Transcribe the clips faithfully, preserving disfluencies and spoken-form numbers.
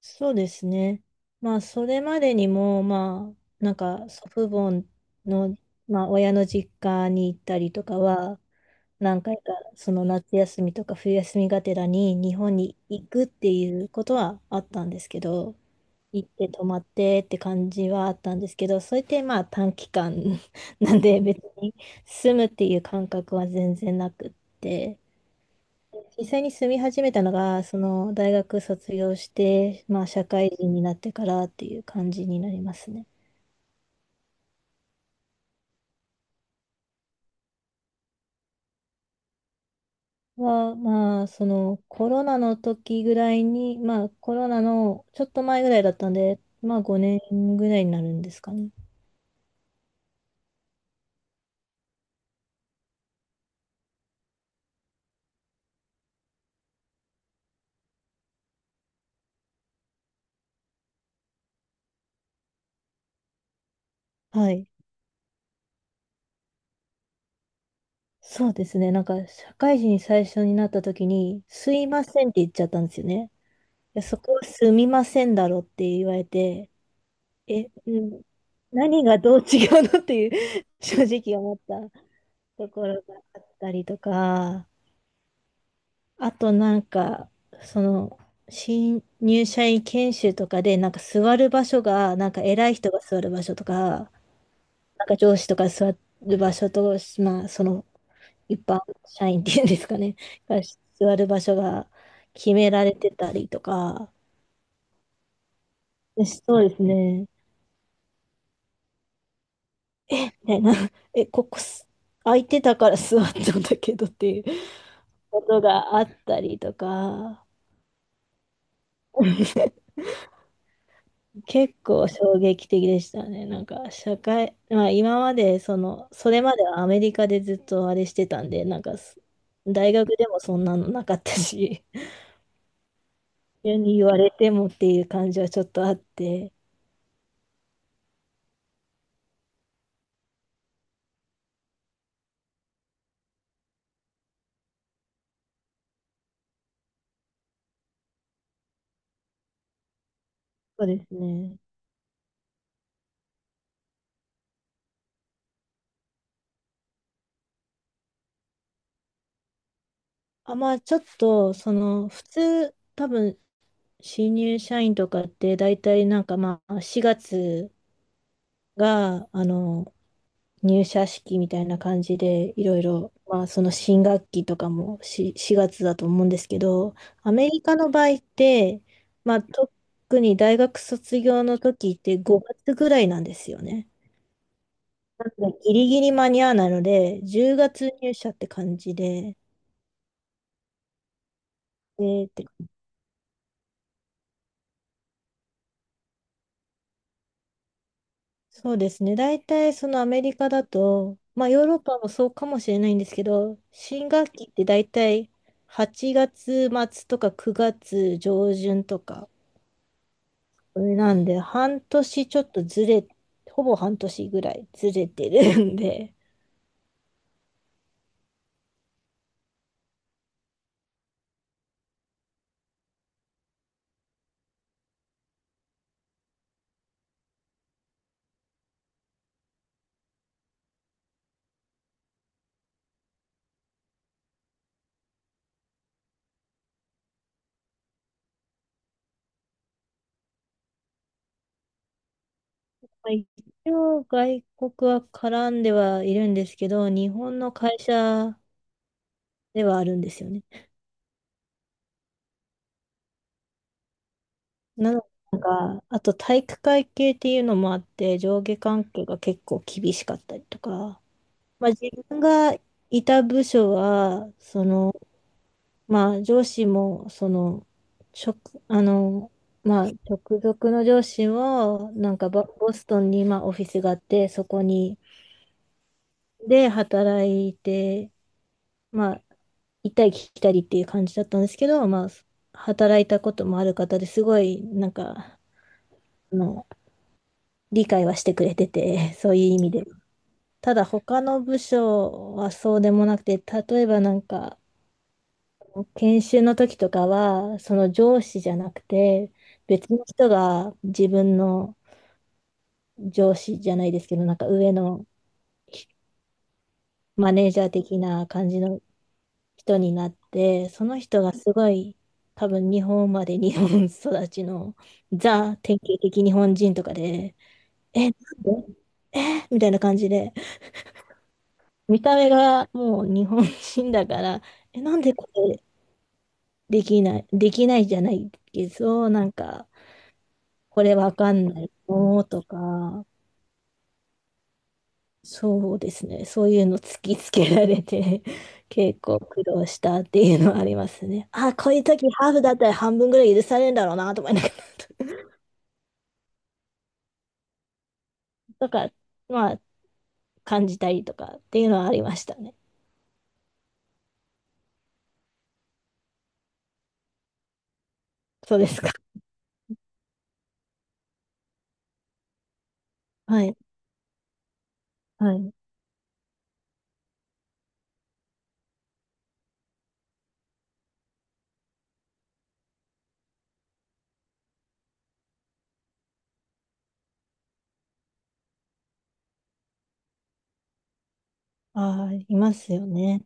そうですね。まあ、それまでにも、まあ、なんか祖父母の、まあ、親の実家に行ったりとかは、何回かその夏休みとか冬休みがてらに日本に行くっていうことはあったんですけど、行って泊まってって感じはあったんですけど、それってまあ短期間 なんで別に住むっていう感覚は全然なくって。実際に住み始めたのが、その大学卒業して、まあ社会人になってからっていう感じになりますね。は、まあそのコロナの時ぐらいに、まあコロナのちょっと前ぐらいだったんで、まあごねんぐらいになるんですかね。はい。そうですね。なんか社会人最初になった時に、すいませんって言っちゃったんですよね。いや、そこはすみませんだろって言われて、え、うん、何がどう違うのっていう 正直思った。ところがあったりとか、あとなんか、その、新入社員研修とかで、なんか座る場所が、なんか偉い人が座る場所とか、なんか上司とか座る場所と、まあ、その一般社員っていうんですかね、が座る場所が決められてたりとか、でそうですね。ね、な、え、ここす空いてたから座ったんだけどっていうことがあったりとか、結構衝撃的でしたね。なんか社会、まあ今までその、それまではアメリカでずっとあれしてたんで、なんかす大学でもそんなのなかったし、急に言われてもっていう感じはちょっとあって、そうですね。あ、まあちょっと、その、普通、多分、新入社員とかって大体なんかまあしがつが、あの、入社式みたいな感じで、いろいろ、まあ、その新学期とかもししがつだと思うんですけど、アメリカの場合って、まあ、特に大学卒業の時ってごがつぐらいなんですよね。なので、ギリギリ間に合わないので、じゅうがつ入社って感じで、で、ってそうですね。大体そのアメリカだと、まあヨーロッパもそうかもしれないんですけど、新学期って大体はちがつ末とかくがつ上旬とか、なんで、半年ちょっとずれ、ほぼ半年ぐらいずれてるんで、まあ一応外国は絡んではいるんですけど、日本の会社ではあるんですよね。なので、なんか、あと体育会系っていうのもあって、上下関係が結構厳しかったりとか、まあ自分がいた部署は、その、まあ、上司も、その、直、あの、まあ、直属の上司も、なんかボ、ボストンに、まあ、オフィスがあって、そこに、で、働いて、まあ、行ったり来たりっていう感じだったんですけど、まあ、働いたこともある方ですごい、なんか、あの、理解はしてくれてて、そういう意味で。ただ、他の部署はそうでもなくて、例えばなんか、研修の時とかは、その上司じゃなくて、別の人が自分の上司じゃないですけど、なんか上のマネージャー的な感じの人になって、その人がすごい、多分日本まで日本育ちのザ典型的日本人とかで、え、なんでみたいな感じで、見た目がもう日本人だから、え、なんでこれできない、できないじゃないけど、なんか、これわかんないのとか、そうですね。そういうの突きつけられて、結構苦労したっていうのはありますね。あ、こういう時ハーフだったら半分ぐらい許されるんだろうなと思いながら、とか、まあ、感じたりとかっていうのはありましたね。そうですか。はい。はい。ああ、いますよね。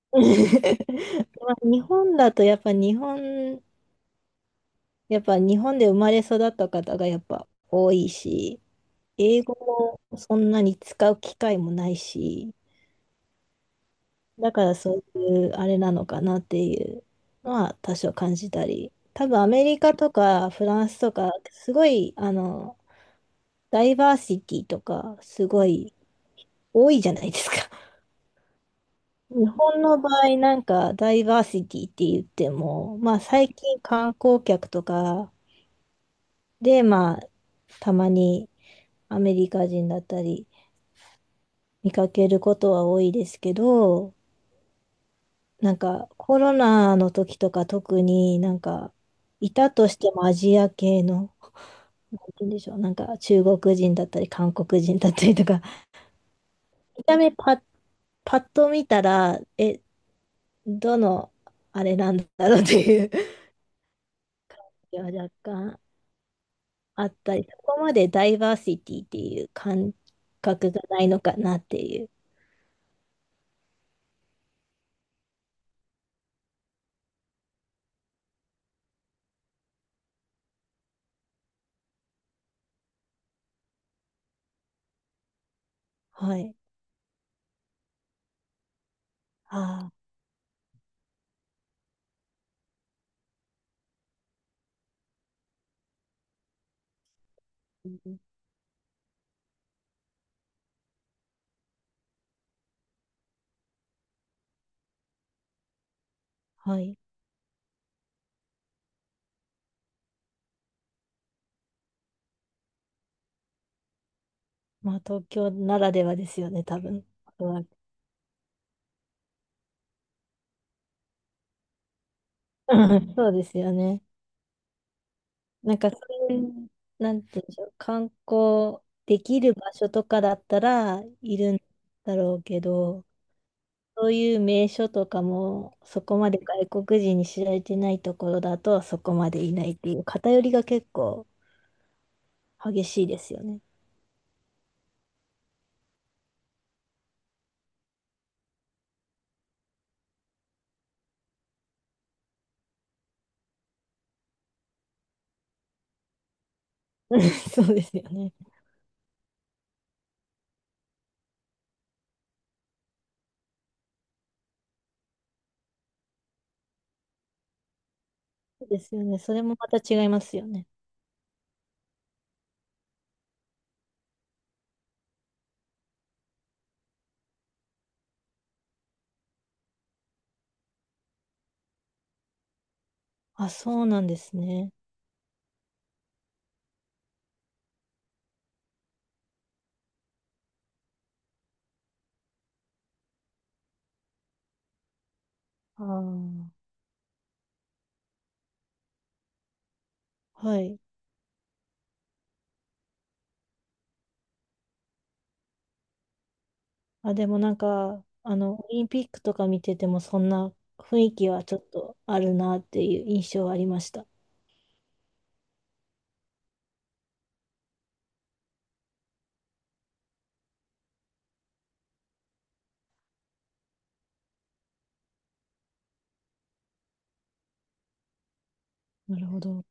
まあ、日本だとやっぱ日本、やっぱ日本で生まれ育った方がやっぱ多いし、英語もそんなに使う機会もないし、だからそういうあれなのかなっていうのは多少感じたり、多分アメリカとかフランスとか、すごい、あの、ダイバーシティとか、すごい多いじゃないですか。日本の場合、なんかダイバーシティって言っても、まあ最近観光客とかで、まあたまにアメリカ人だったり見かけることは多いですけど、なんかコロナの時とか特になんかいたとしてもアジア系の、なんて言うんでしょう、なんか中国人だったり韓国人だったりとか、見た目パッ、パッと見たら、え、どのあれなんだろうっていう感じは若干あったり、そこまでダイバーシティっていう感覚がないのかなっていう。はい。ああ、はい。まあ東京ならではですよね、多分。うん そうですよね。なんか、そういう、なんていうんでしょう、観光できる場所とかだったらいるんだろうけど、そういう名所とかも、そこまで外国人に知られてないところだと、そこまでいないっていう、偏りが結構激しいですよね。そうですよね。そうですよね。それもまた違いますよね。あ、そうなんですね。ああ。はい。あ、でもなんか、あの、オリンピックとか見てても、そんな雰囲気はちょっとあるなっていう印象はありました。なるほど。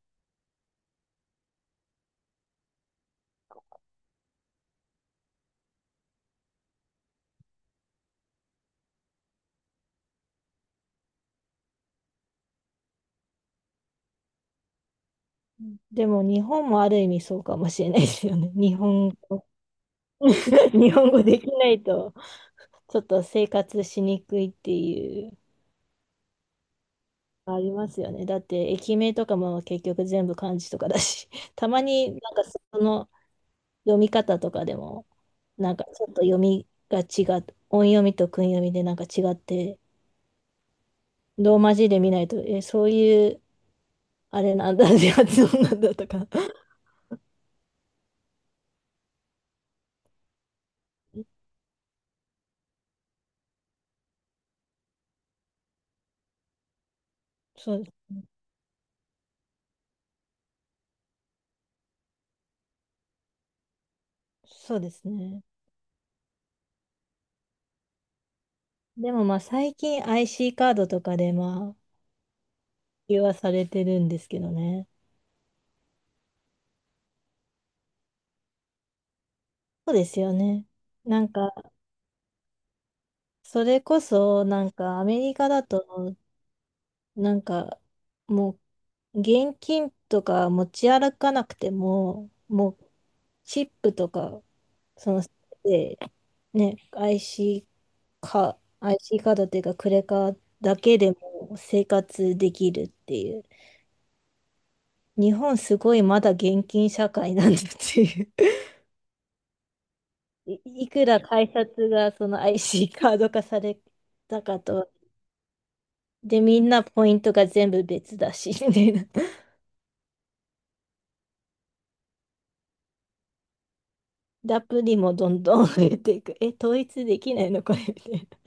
うんでも、日本もある意味そうかもしれないですよね。日本語、日本語できないと、ちょっと生活しにくいっていう、ありますよね。だって、駅名とかも結局全部漢字とかだし、たまになんかその読み方とかでも、なんかちょっと読みが違う、音読みと訓読みでなんか違って、ローマ字で見ないと、え、そういう、あれなんだ、発音なんだとか。そう、そうですね。でもまあ最近 アイシー カードとかでまあ、普及はされてるんですけどね。そうですよね。なんか、それこそ、なんかアメリカだと、なんか、もう、現金とか持ち歩かなくても、もう、チップとか、その、でね、アイシー か、アイシーカードっていうか、クレカだけでも生活できるっていう。日本すごいまだ現金社会なんだっていう。い、いくら改札がその アイシー カード化されたかと。で、みんなポイントが全部別だし、みたいな。でアプリもどんどん増えていく。え、統一できないのこれみたいな。